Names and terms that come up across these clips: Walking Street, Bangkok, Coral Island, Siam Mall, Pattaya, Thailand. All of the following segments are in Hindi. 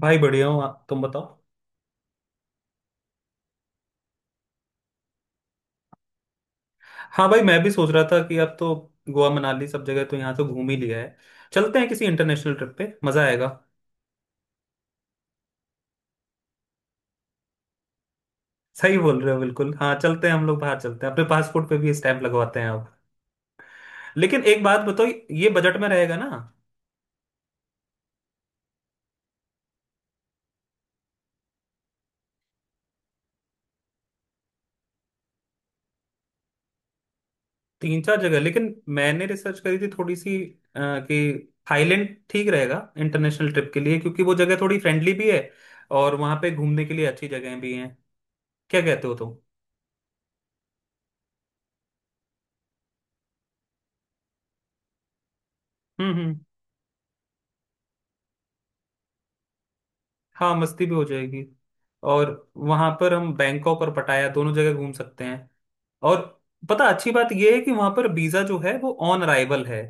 भाई बढ़िया हूँ, तुम बताओ। हाँ भाई, मैं भी सोच रहा था कि अब तो गोवा मनाली सब जगह तो यहाँ तो घूम ही लिया है। चलते हैं किसी इंटरनेशनल ट्रिप पे, मजा आएगा। सही बोल रहे हो, बिल्कुल। हाँ, चलते हैं हम लोग बाहर, चलते हैं अपने पासपोर्ट पे भी स्टैंप लगवाते हैं अब। लेकिन एक बात बताओ, ये बजट में रहेगा ना? तीन चार जगह, लेकिन मैंने रिसर्च करी थी थोड़ी सी, कि थाईलैंड ठीक रहेगा इंटरनेशनल ट्रिप के लिए, क्योंकि वो जगह थोड़ी फ्रेंडली भी है। और वहाँ पे घूमने के लिए अच्छी जगह भी हैं। क्या कहते हो तुम? हम्म। हम्म। हाँ, मस्ती भी हो जाएगी। और वहां पर हम बैंकॉक और पटाया दोनों जगह घूम सकते हैं। और पता, अच्छी बात यह है कि वहां पर वीजा जो है वो ऑन अराइवल है।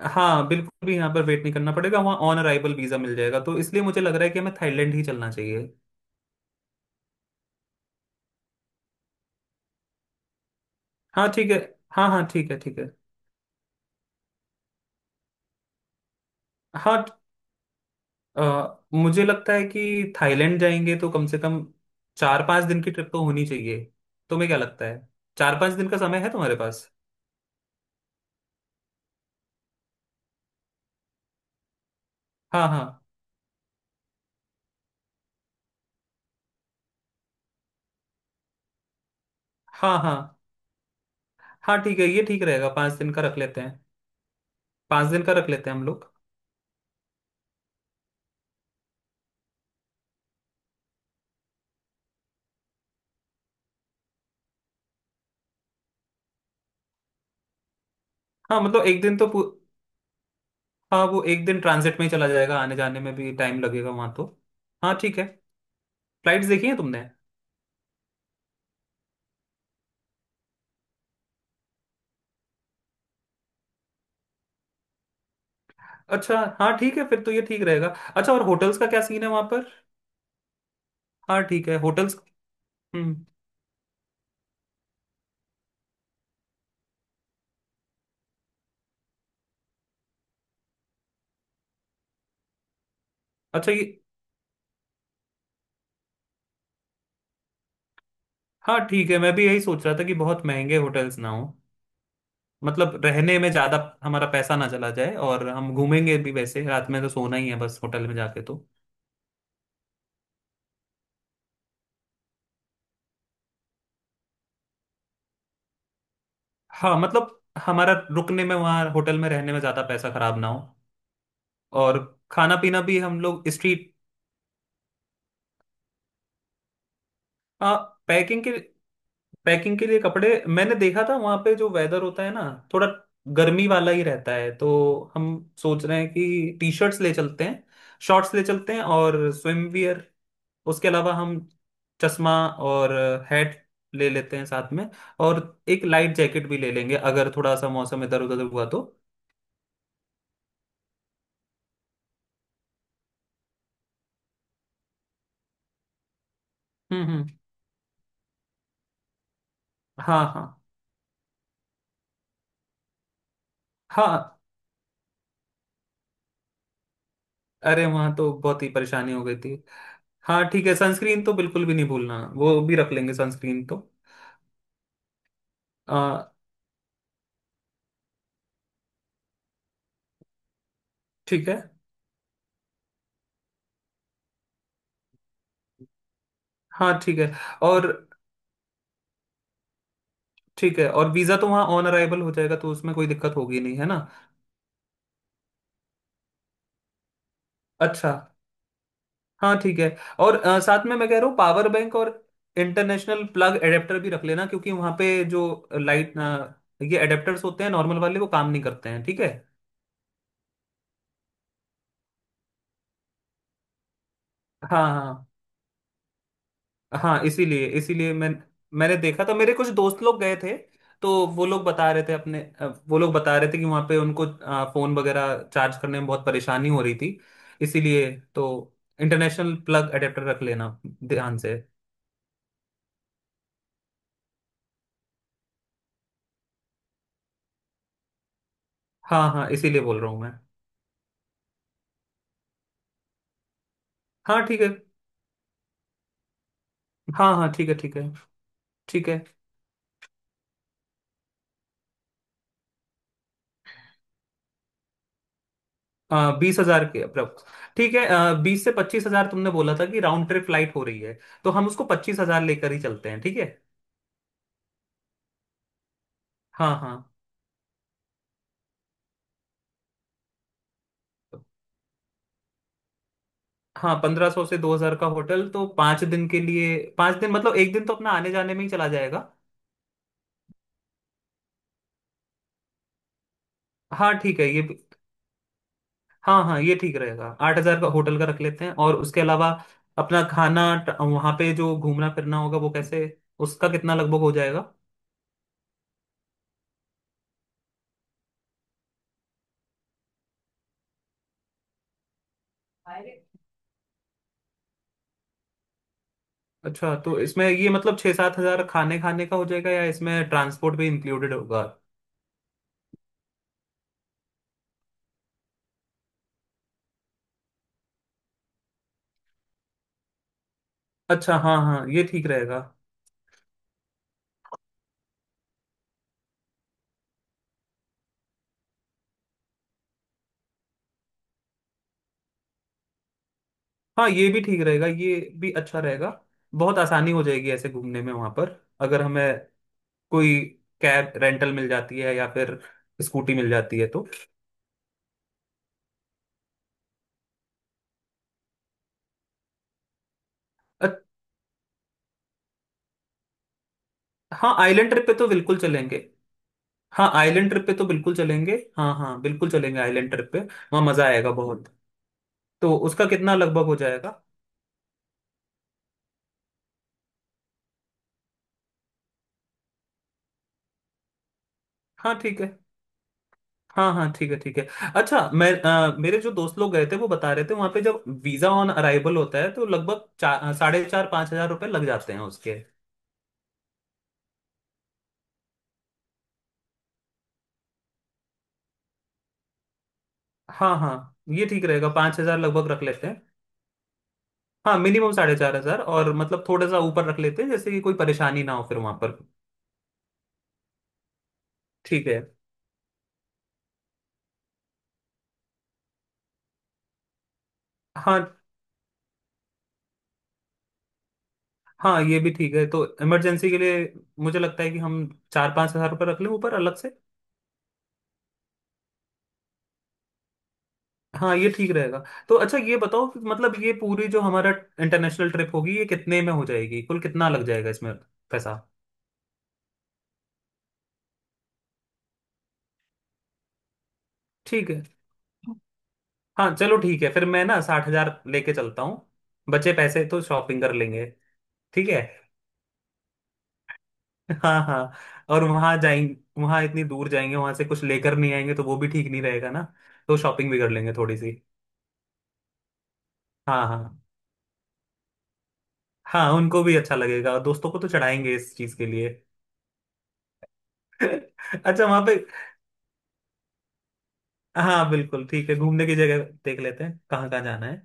हाँ, बिल्कुल भी यहाँ पर वेट नहीं करना पड़ेगा। वहाँ ऑन अराइवल वीजा मिल जाएगा, तो इसलिए मुझे लग रहा है कि हमें थाईलैंड ही चलना चाहिए। हाँ, ठीक है। हाँ हाँ, ठीक है, ठीक है। हाँ, मुझे लगता है कि थाईलैंड जाएंगे तो कम से कम 4-5 दिन की ट्रिप तो होनी चाहिए। तुम्हें क्या लगता है? चार पांच दिन का समय है तुम्हारे पास? हाँ। हाँ। हाँ। हाँ। हाँ, ठीक है, ये ठीक रहेगा, पाँच दिन का रख लेते हैं। पाँच दिन का रख लेते हैं हम लोग। हाँ, मतलब एक दिन तो हाँ, वो एक दिन ट्रांजिट में ही चला जाएगा, आने जाने में भी टाइम लगेगा वहाँ तो। हाँ, ठीक है। फ्लाइट्स देखी हैं तुमने? अच्छा, हाँ ठीक है, फिर तो ये ठीक रहेगा। अच्छा, और होटल्स का क्या सीन है वहाँ पर? हाँ, ठीक है। होटल्स। हम्म। अच्छा, ये हाँ ठीक है, मैं भी यही सोच रहा था कि बहुत महंगे होटल्स ना हो, मतलब रहने में ज़्यादा हमारा पैसा ना चला जाए, और हम घूमेंगे भी, वैसे रात में तो सोना ही है बस होटल में जाके तो। हाँ मतलब, हमारा रुकने में, वहाँ होटल में रहने में ज़्यादा पैसा खराब ना हो, और खाना पीना भी हम लोग स्ट्रीट... हाँ। पैकिंग के पैकिंग के लिए कपड़े मैंने देखा था, वहाँ पे जो वेदर होता है ना, थोड़ा गर्मी वाला ही रहता है, तो हम सोच रहे हैं कि टी शर्ट्स ले चलते हैं, शॉर्ट्स ले चलते हैं और स्विम वियर। उसके अलावा हम चश्मा और हैट ले लेते हैं साथ में। और एक लाइट जैकेट भी ले लेंगे, अगर थोड़ा सा मौसम इधर उधर हुआ तो। हम्म। हम्म। हाँ हाँ। हाँ। अरे, वहां तो बहुत ही परेशानी हो गई थी। हाँ ठीक है, सनस्क्रीन तो बिल्कुल भी नहीं भूलना, वो भी रख लेंगे सनस्क्रीन तो। आ, ठीक है। हाँ, ठीक है। और ठीक है, और वीज़ा तो वहाँ ऑन अराइवल हो जाएगा, तो उसमें कोई दिक्कत होगी नहीं, है ना? अच्छा, हाँ ठीक है। और साथ में मैं कह रहा हूँ, पावर बैंक और इंटरनेशनल प्लग एडेप्टर भी रख लेना, क्योंकि वहाँ पे जो लाइट, ये एडेप्टर्स होते हैं, नॉर्मल वाले वो काम नहीं करते हैं, ठीक है। हाँ हाँ। हाँ, इसीलिए इसीलिए मैं, मैंने देखा था, मेरे कुछ दोस्त लोग गए थे, तो वो लोग बता रहे थे अपने, वो लोग बता रहे थे कि वहाँ पे उनको फोन वगैरह चार्ज करने में बहुत परेशानी हो रही थी। इसीलिए, तो इंटरनेशनल प्लग अडेप्टर रख लेना ध्यान से। हाँ हाँ, इसीलिए बोल रहा हूँ मैं। हाँ, ठीक है। हाँ हाँ, ठीक है, ठीक है। ठीक है। 20,000 के अप्रोक्स। ठीक है, बीस से पच्चीस हजार तुमने बोला था कि राउंड ट्रिप फ्लाइट हो रही है, तो हम उसको 25,000 लेकर ही चलते हैं, ठीक है। हाँ हाँ। हाँ, 1,500 से 2,000 का होटल तो 5 दिन के लिए, पाँच दिन मतलब एक दिन तो अपना आने जाने में ही चला जाएगा। हाँ ठीक है, हाँ हाँ, ये ठीक रहेगा, 8,000 का होटल का रख लेते हैं, और उसके अलावा अपना खाना वहाँ पे जो घूमना फिरना होगा वो कैसे, उसका कितना लगभग हो जाएगा? अच्छा, तो इसमें ये मतलब छः सात हजार खाने खाने का हो जाएगा, या इसमें ट्रांसपोर्ट भी इंक्लूडेड होगा? अच्छा, हाँ हाँ, ये ठीक रहेगा। हाँ, ये भी ठीक रहेगा, ये भी अच्छा रहेगा। बहुत आसानी हो जाएगी ऐसे घूमने में, वहाँ पर अगर हमें कोई कैब रेंटल मिल जाती है, या फिर स्कूटी मिल जाती है तो। अ- हाँ, आइलैंड ट्रिप पे तो बिल्कुल चलेंगे। हाँ, आइलैंड ट्रिप पे तो बिल्कुल चलेंगे। हाँ हाँ, बिल्कुल चलेंगे आइलैंड ट्रिप पे, वहाँ मजा आएगा बहुत। तो उसका कितना लगभग हो जाएगा? हाँ, ठीक है। हाँ हाँ, ठीक है, ठीक है। अच्छा, मैं, मेरे जो दोस्त लोग गए थे, वो बता रहे थे वहाँ पे जब वीजा ऑन अराइवल होता है तो लगभग चार, साढ़े चार, पाँच हजार रुपये लग जाते हैं उसके। हाँ हाँ, ये ठीक रहेगा, 5,000 लगभग रख लेते हैं। हाँ, मिनिमम 4,500, और मतलब थोड़ा सा ऊपर रख लेते हैं जैसे कि कोई परेशानी ना हो फिर वहां पर। ठीक है। हाँ हाँ, ये भी ठीक है, तो इमरजेंसी के लिए मुझे लगता है कि हम चार पाँच हजार रुपये रख लें ऊपर अलग से। हाँ, ये ठीक रहेगा। तो अच्छा, ये बताओ कि मतलब ये पूरी जो हमारा इंटरनेशनल ट्रिप होगी, ये कितने में हो जाएगी, कुल कितना लग जाएगा इसमें पैसा? ठीक है। हाँ चलो, ठीक है, फिर मैं ना 60,000 लेके चलता हूँ, बचे पैसे तो शॉपिंग कर लेंगे। ठीक है। हाँ हाँ। और वहां जाएंगे, वहां इतनी दूर जाएंगे, वहां से कुछ लेकर नहीं आएंगे तो वो भी ठीक नहीं रहेगा ना, तो शॉपिंग भी कर लेंगे थोड़ी सी। हाँ हाँ। हाँ, उनको भी अच्छा लगेगा, और दोस्तों को तो चढ़ाएंगे इस चीज के लिए। अच्छा, वहां पे हाँ बिल्कुल ठीक है, घूमने की जगह देख लेते हैं कहाँ कहाँ जाना है।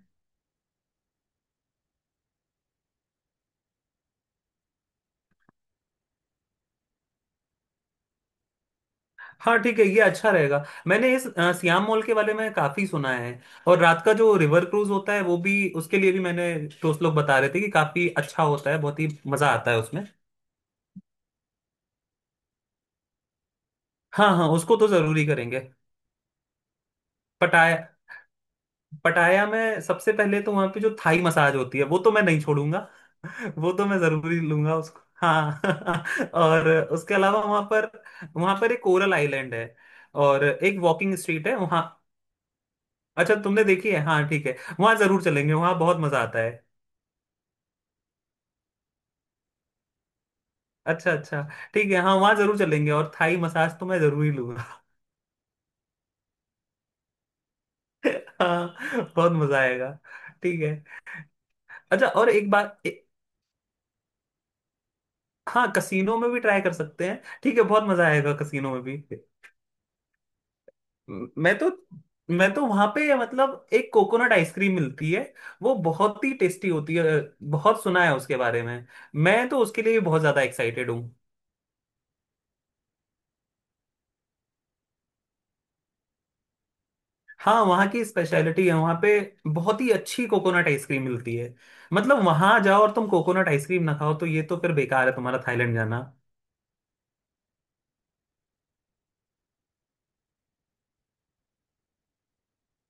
हाँ ठीक है, ये अच्छा रहेगा। मैंने इस सियाम मॉल के बारे में काफी सुना है, और रात का जो रिवर क्रूज होता है वो भी, उसके लिए भी मैंने, दोस्त लोग बता रहे थे कि काफी अच्छा होता है, बहुत ही मजा आता है उसमें। हाँ हाँ, उसको तो जरूरी करेंगे। पटाया। पटाया में सबसे पहले तो वहां पे जो थाई मसाज होती है वो तो मैं नहीं छोड़ूंगा। वो तो मैं जरूरी लूंगा उसको, हाँ। और उसके अलावा वहां पर, वहां पर एक कोरल आइलैंड है, और एक वॉकिंग स्ट्रीट है वहाँ। अच्छा, तुमने देखी है, हाँ ठीक है, वहां जरूर चलेंगे, वहां बहुत मजा आता है। अच्छा अच्छा, ठीक है। हाँ, वहां जरूर चलेंगे, और थाई मसाज तो मैं जरूरी लूंगा। हाँ। बहुत मजा आएगा। ठीक है। अच्छा, और एक बात हाँ, कसीनो में भी ट्राई कर सकते हैं, ठीक है, बहुत मजा आएगा कसीनो में भी। मैं तो, मैं तो वहां पे मतलब एक कोकोनट आइसक्रीम मिलती है, वो बहुत ही टेस्टी होती है, बहुत सुना है उसके बारे में, मैं तो उसके लिए भी बहुत ज्यादा एक्साइटेड हूँ। हाँ, वहाँ की स्पेशलिटी है, वहाँ पे बहुत ही अच्छी कोकोनट आइसक्रीम मिलती है, मतलब वहां जाओ और तुम कोकोनट आइसक्रीम ना खाओ तो ये तो फिर बेकार है तुम्हारा थाईलैंड जाना।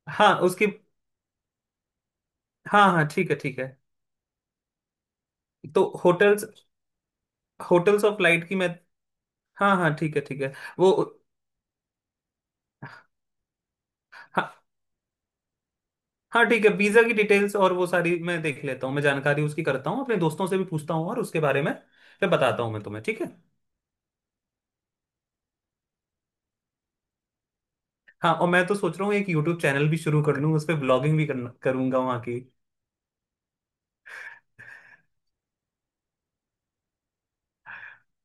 हाँ, उसकी, हाँ हाँ, ठीक है, ठीक है। तो होटल्स, होटल्स और फ्लाइट की मैं... हाँ हाँ, ठीक है, ठीक है। वो, हाँ, हाँ ठीक है, वीजा की डिटेल्स और वो सारी मैं देख लेता हूँ, मैं जानकारी उसकी करता हूँ, अपने दोस्तों से भी पूछता हूँ और उसके बारे में, फिर बताता हूँ मैं तुम्हें, ठीक है। हाँ, और मैं तो सोच रहा हूँ एक यूट्यूब चैनल भी शुरू कर लूँ, उस पर ब्लॉगिंग भी करूंगा वहाँ की।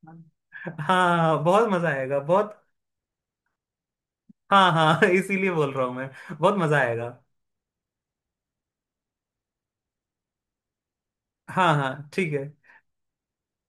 हाँ, हाँ, हाँ, बहुत मजा आएगा बहुत। हाँ हाँ, इसीलिए बोल रहा हूँ मैं, बहुत मजा आएगा। हाँ हाँ, ठीक है।